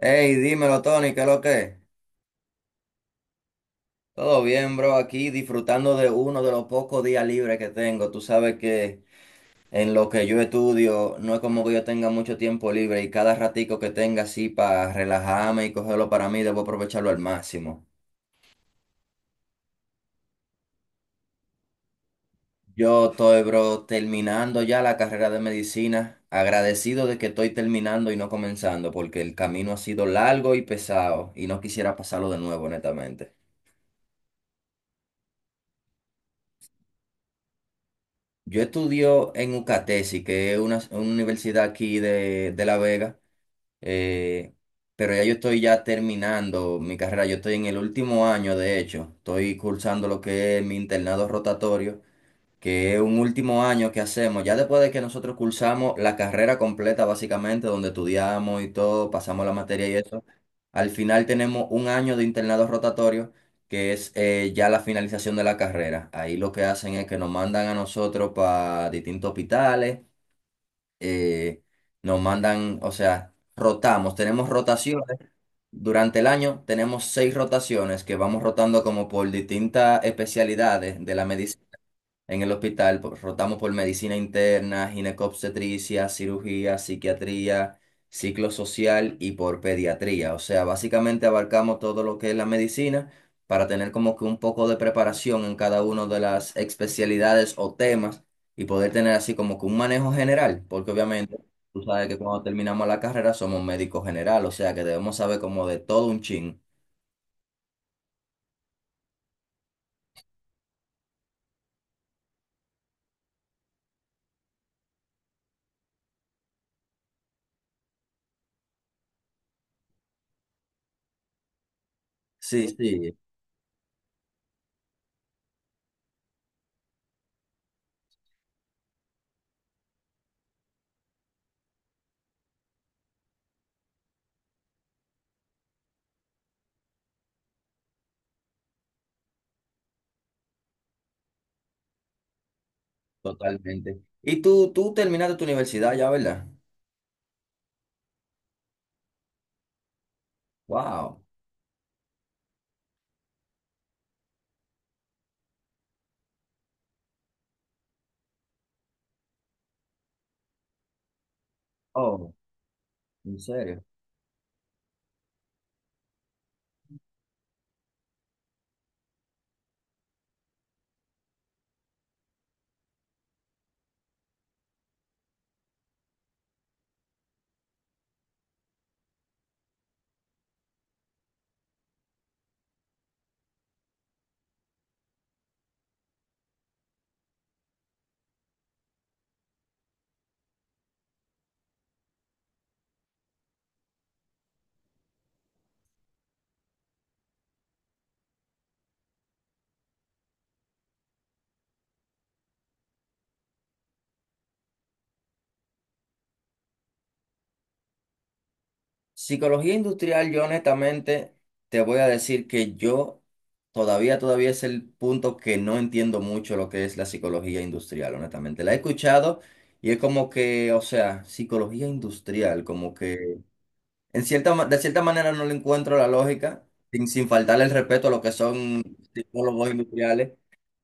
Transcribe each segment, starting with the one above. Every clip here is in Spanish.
Hey, dímelo, Tony, ¿qué es lo que es? Todo bien, bro, aquí disfrutando de uno de los pocos días libres que tengo. Tú sabes que en lo que yo estudio no es como que yo tenga mucho tiempo libre y cada ratico que tenga así para relajarme y cogerlo para mí, debo aprovecharlo al máximo. Yo estoy, bro, terminando ya la carrera de medicina, agradecido de que estoy terminando y no comenzando, porque el camino ha sido largo y pesado y no quisiera pasarlo de nuevo, honestamente. Yo estudio en UCATESI, que es una universidad aquí de La Vega, eh, pero ya yo estoy ya terminando mi carrera, yo estoy en el último año. De hecho, estoy cursando lo que es mi internado rotatorio, que es un último año que hacemos, ya después de que nosotros cursamos la carrera completa, básicamente, donde estudiamos y todo, pasamos la materia y eso. Al final tenemos un año de internado rotatorio, que es ya la finalización de la carrera. Ahí lo que hacen es que nos mandan a nosotros para distintos hospitales, eh, nos mandan, o sea, rotamos, tenemos rotaciones. Durante el año tenemos seis rotaciones que vamos rotando como por distintas especialidades de la medicina. En el hospital rotamos por medicina interna, ginecobstetricia, cirugía, psiquiatría, ciclo social y por pediatría. O sea, básicamente abarcamos todo lo que es la medicina para tener como que un poco de preparación en cada una de las especialidades o temas y poder tener así como que un manejo general, porque obviamente tú sabes que cuando terminamos la carrera somos médicos general, o sea que debemos saber como de todo un chin. Sí, sí, totalmente. Y tú terminaste tu universidad ya, ¿verdad? Wow. Oh, ¿en serio? Psicología industrial, yo honestamente te voy a decir que yo todavía es el punto que no entiendo mucho lo que es la psicología industrial, honestamente. La he escuchado y es como que, o sea, psicología industrial, como que de cierta manera no le encuentro la lógica, sin faltarle el respeto a lo que son psicólogos industriales.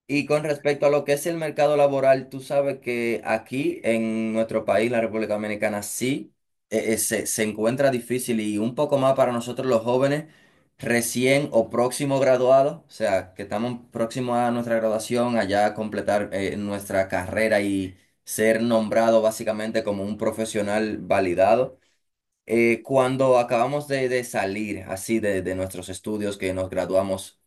Y con respecto a lo que es el mercado laboral, tú sabes que aquí en nuestro país, la República Dominicana, sí, se encuentra difícil y un poco más para nosotros los jóvenes recién o próximo graduados, o sea, que estamos próximos a nuestra graduación, allá a completar nuestra carrera y ser nombrado básicamente como un profesional validado. Cuando acabamos de salir así de nuestros estudios, que nos graduamos,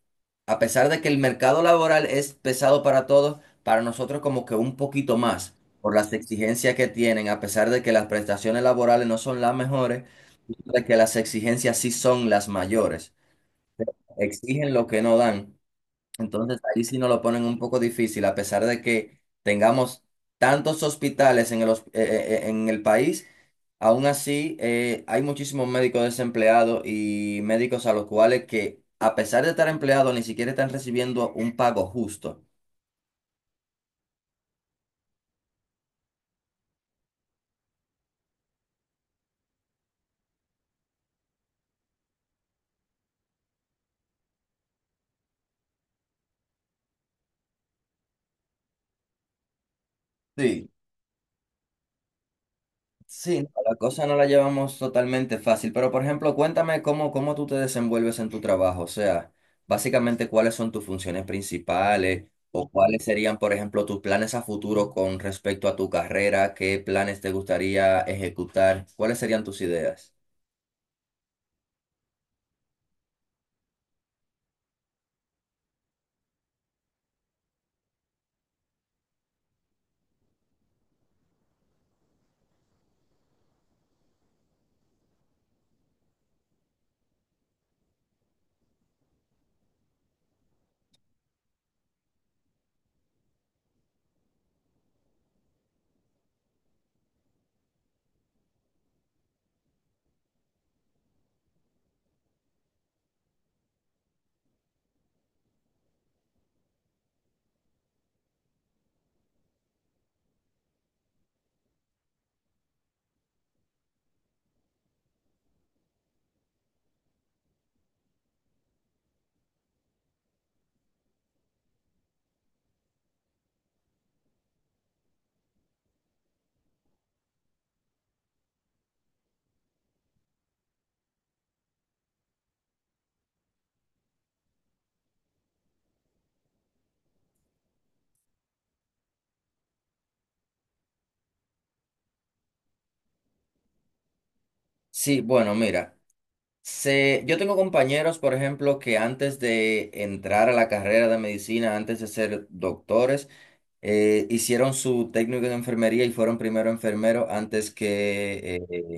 a pesar de que el mercado laboral es pesado para todos, para nosotros como que un poquito más, por las exigencias que tienen, a pesar de que las prestaciones laborales no son las mejores, de que las exigencias sí son las mayores. Exigen lo que no dan. Entonces ahí sí nos lo ponen un poco difícil, a pesar de que tengamos tantos hospitales en el, en el país. Aún así, hay muchísimos médicos desempleados y médicos a los cuales que, a pesar de estar empleados, ni siquiera están recibiendo un pago justo. Sí, sí, no, la cosa no la llevamos totalmente fácil, pero por ejemplo, cuéntame cómo tú te desenvuelves en tu trabajo, o sea, básicamente cuáles son tus funciones principales o cuáles serían, por ejemplo, tus planes a futuro con respecto a tu carrera, qué planes te gustaría ejecutar, cuáles serían tus ideas. Sí, bueno, mira. Se, yo tengo compañeros, por ejemplo, que antes de entrar a la carrera de medicina, antes de ser doctores, hicieron su técnico de enfermería y fueron primero enfermeros antes que eh,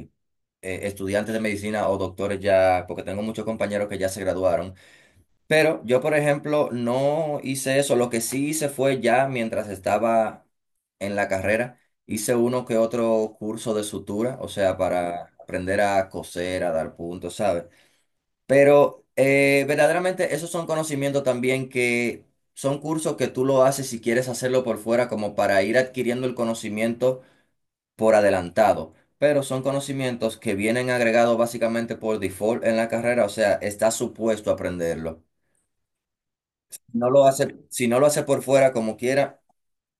eh, estudiantes de medicina o doctores ya, porque tengo muchos compañeros que ya se graduaron. Pero yo, por ejemplo, no hice eso. Lo que sí hice fue ya mientras estaba en la carrera, hice uno que otro curso de sutura, o sea, para aprender a coser, a dar puntos, ¿sabes? Pero verdaderamente esos son conocimientos también que son cursos que tú lo haces si quieres hacerlo por fuera, como para ir adquiriendo el conocimiento por adelantado. Pero son conocimientos que vienen agregados básicamente por default en la carrera, o sea, estás supuesto a aprenderlo. Si no lo hace, si no lo hace por fuera como quiera,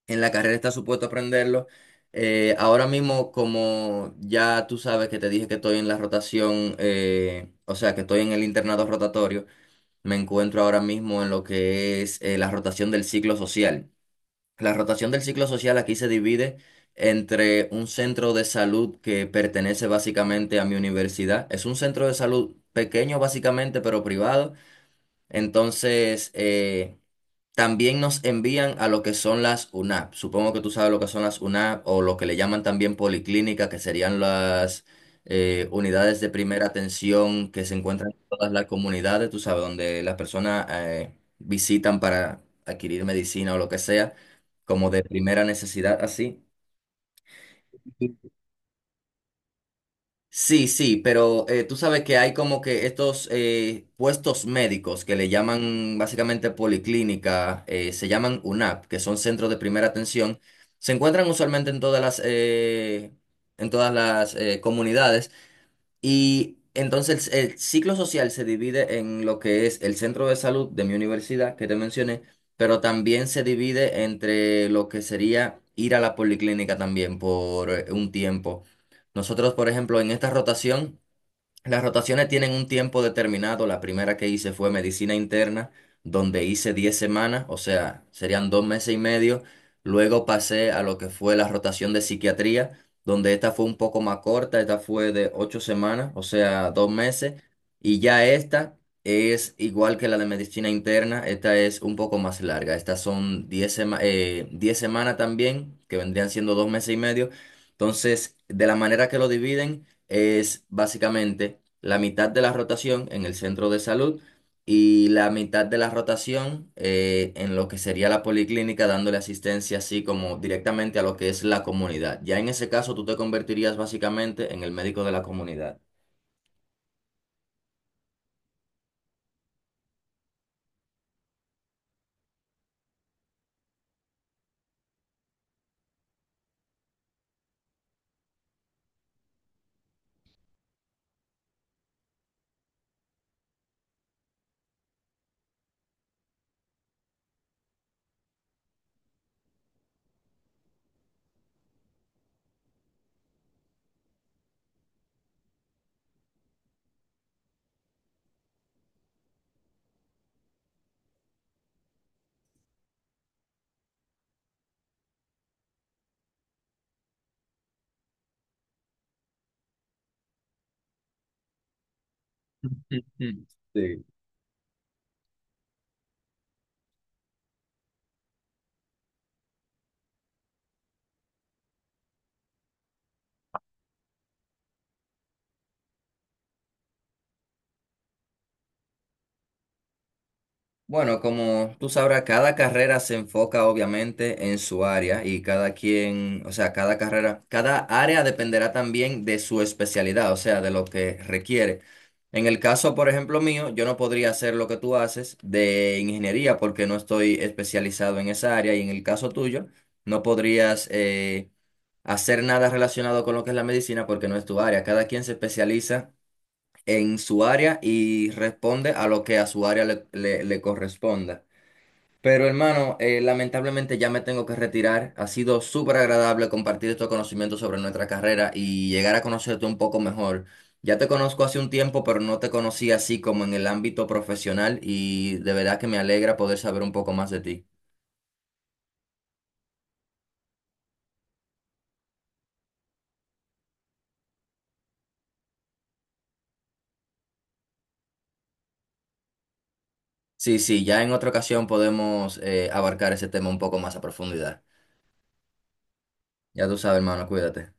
en la carrera estás supuesto a aprenderlo. Ahora mismo, como ya tú sabes que te dije que estoy en la rotación, o sea, que estoy en el internado rotatorio. Me encuentro ahora mismo en lo que es la rotación del ciclo social. La rotación del ciclo social aquí se divide entre un centro de salud que pertenece básicamente a mi universidad. Es un centro de salud pequeño básicamente, pero privado. Entonces, también nos envían a lo que son las UNAP. Supongo que tú sabes lo que son las UNAP o lo que le llaman también policlínica, que serían las unidades de primera atención que se encuentran en todas las comunidades, tú sabes, donde las personas visitan para adquirir medicina o lo que sea, como de primera necesidad, así. Sí, sí, pero tú sabes que hay como que estos puestos médicos que le llaman básicamente policlínica, se llaman UNAP, que son centros de primera atención, se encuentran usualmente en todas las comunidades. Y entonces el ciclo social se divide en lo que es el centro de salud de mi universidad, que te mencioné, pero también se divide entre lo que sería ir a la policlínica también por un tiempo. Nosotros, por ejemplo, en esta rotación, las rotaciones tienen un tiempo determinado. La primera que hice fue medicina interna, donde hice 10 semanas, o sea, serían 2 meses y medio. Luego pasé a lo que fue la rotación de psiquiatría, donde esta fue un poco más corta, esta fue de 8 semanas, o sea, 2 meses. Y ya esta es igual que la de medicina interna, esta es un poco más larga. Estas son 10 semanas también, que vendrían siendo 2 meses y medio. Entonces, de la manera que lo dividen es básicamente la mitad de la rotación en el centro de salud y la mitad de la rotación en lo que sería la policlínica, dándole asistencia así como directamente a lo que es la comunidad. Ya en ese caso tú te convertirías básicamente en el médico de la comunidad. Bueno, como tú sabrás, cada carrera se enfoca obviamente en su área y cada quien, o sea, cada carrera, cada área dependerá también de su especialidad, o sea, de lo que requiere. En el caso, por ejemplo, mío, yo no podría hacer lo que tú haces de ingeniería porque no estoy especializado en esa área y en el caso tuyo, no podrías hacer nada relacionado con lo que es la medicina porque no es tu área. Cada quien se especializa en su área y responde a lo que a su área le corresponda. Pero hermano, lamentablemente ya me tengo que retirar. Ha sido súper agradable compartir estos conocimientos sobre nuestra carrera y llegar a conocerte un poco mejor. Ya te conozco hace un tiempo, pero no te conocí así como en el ámbito profesional y de verdad que me alegra poder saber un poco más de ti. Sí, sí, ya en otra ocasión podemos abarcar ese tema un poco más a profundidad. Ya tú sabes, hermano, cuídate.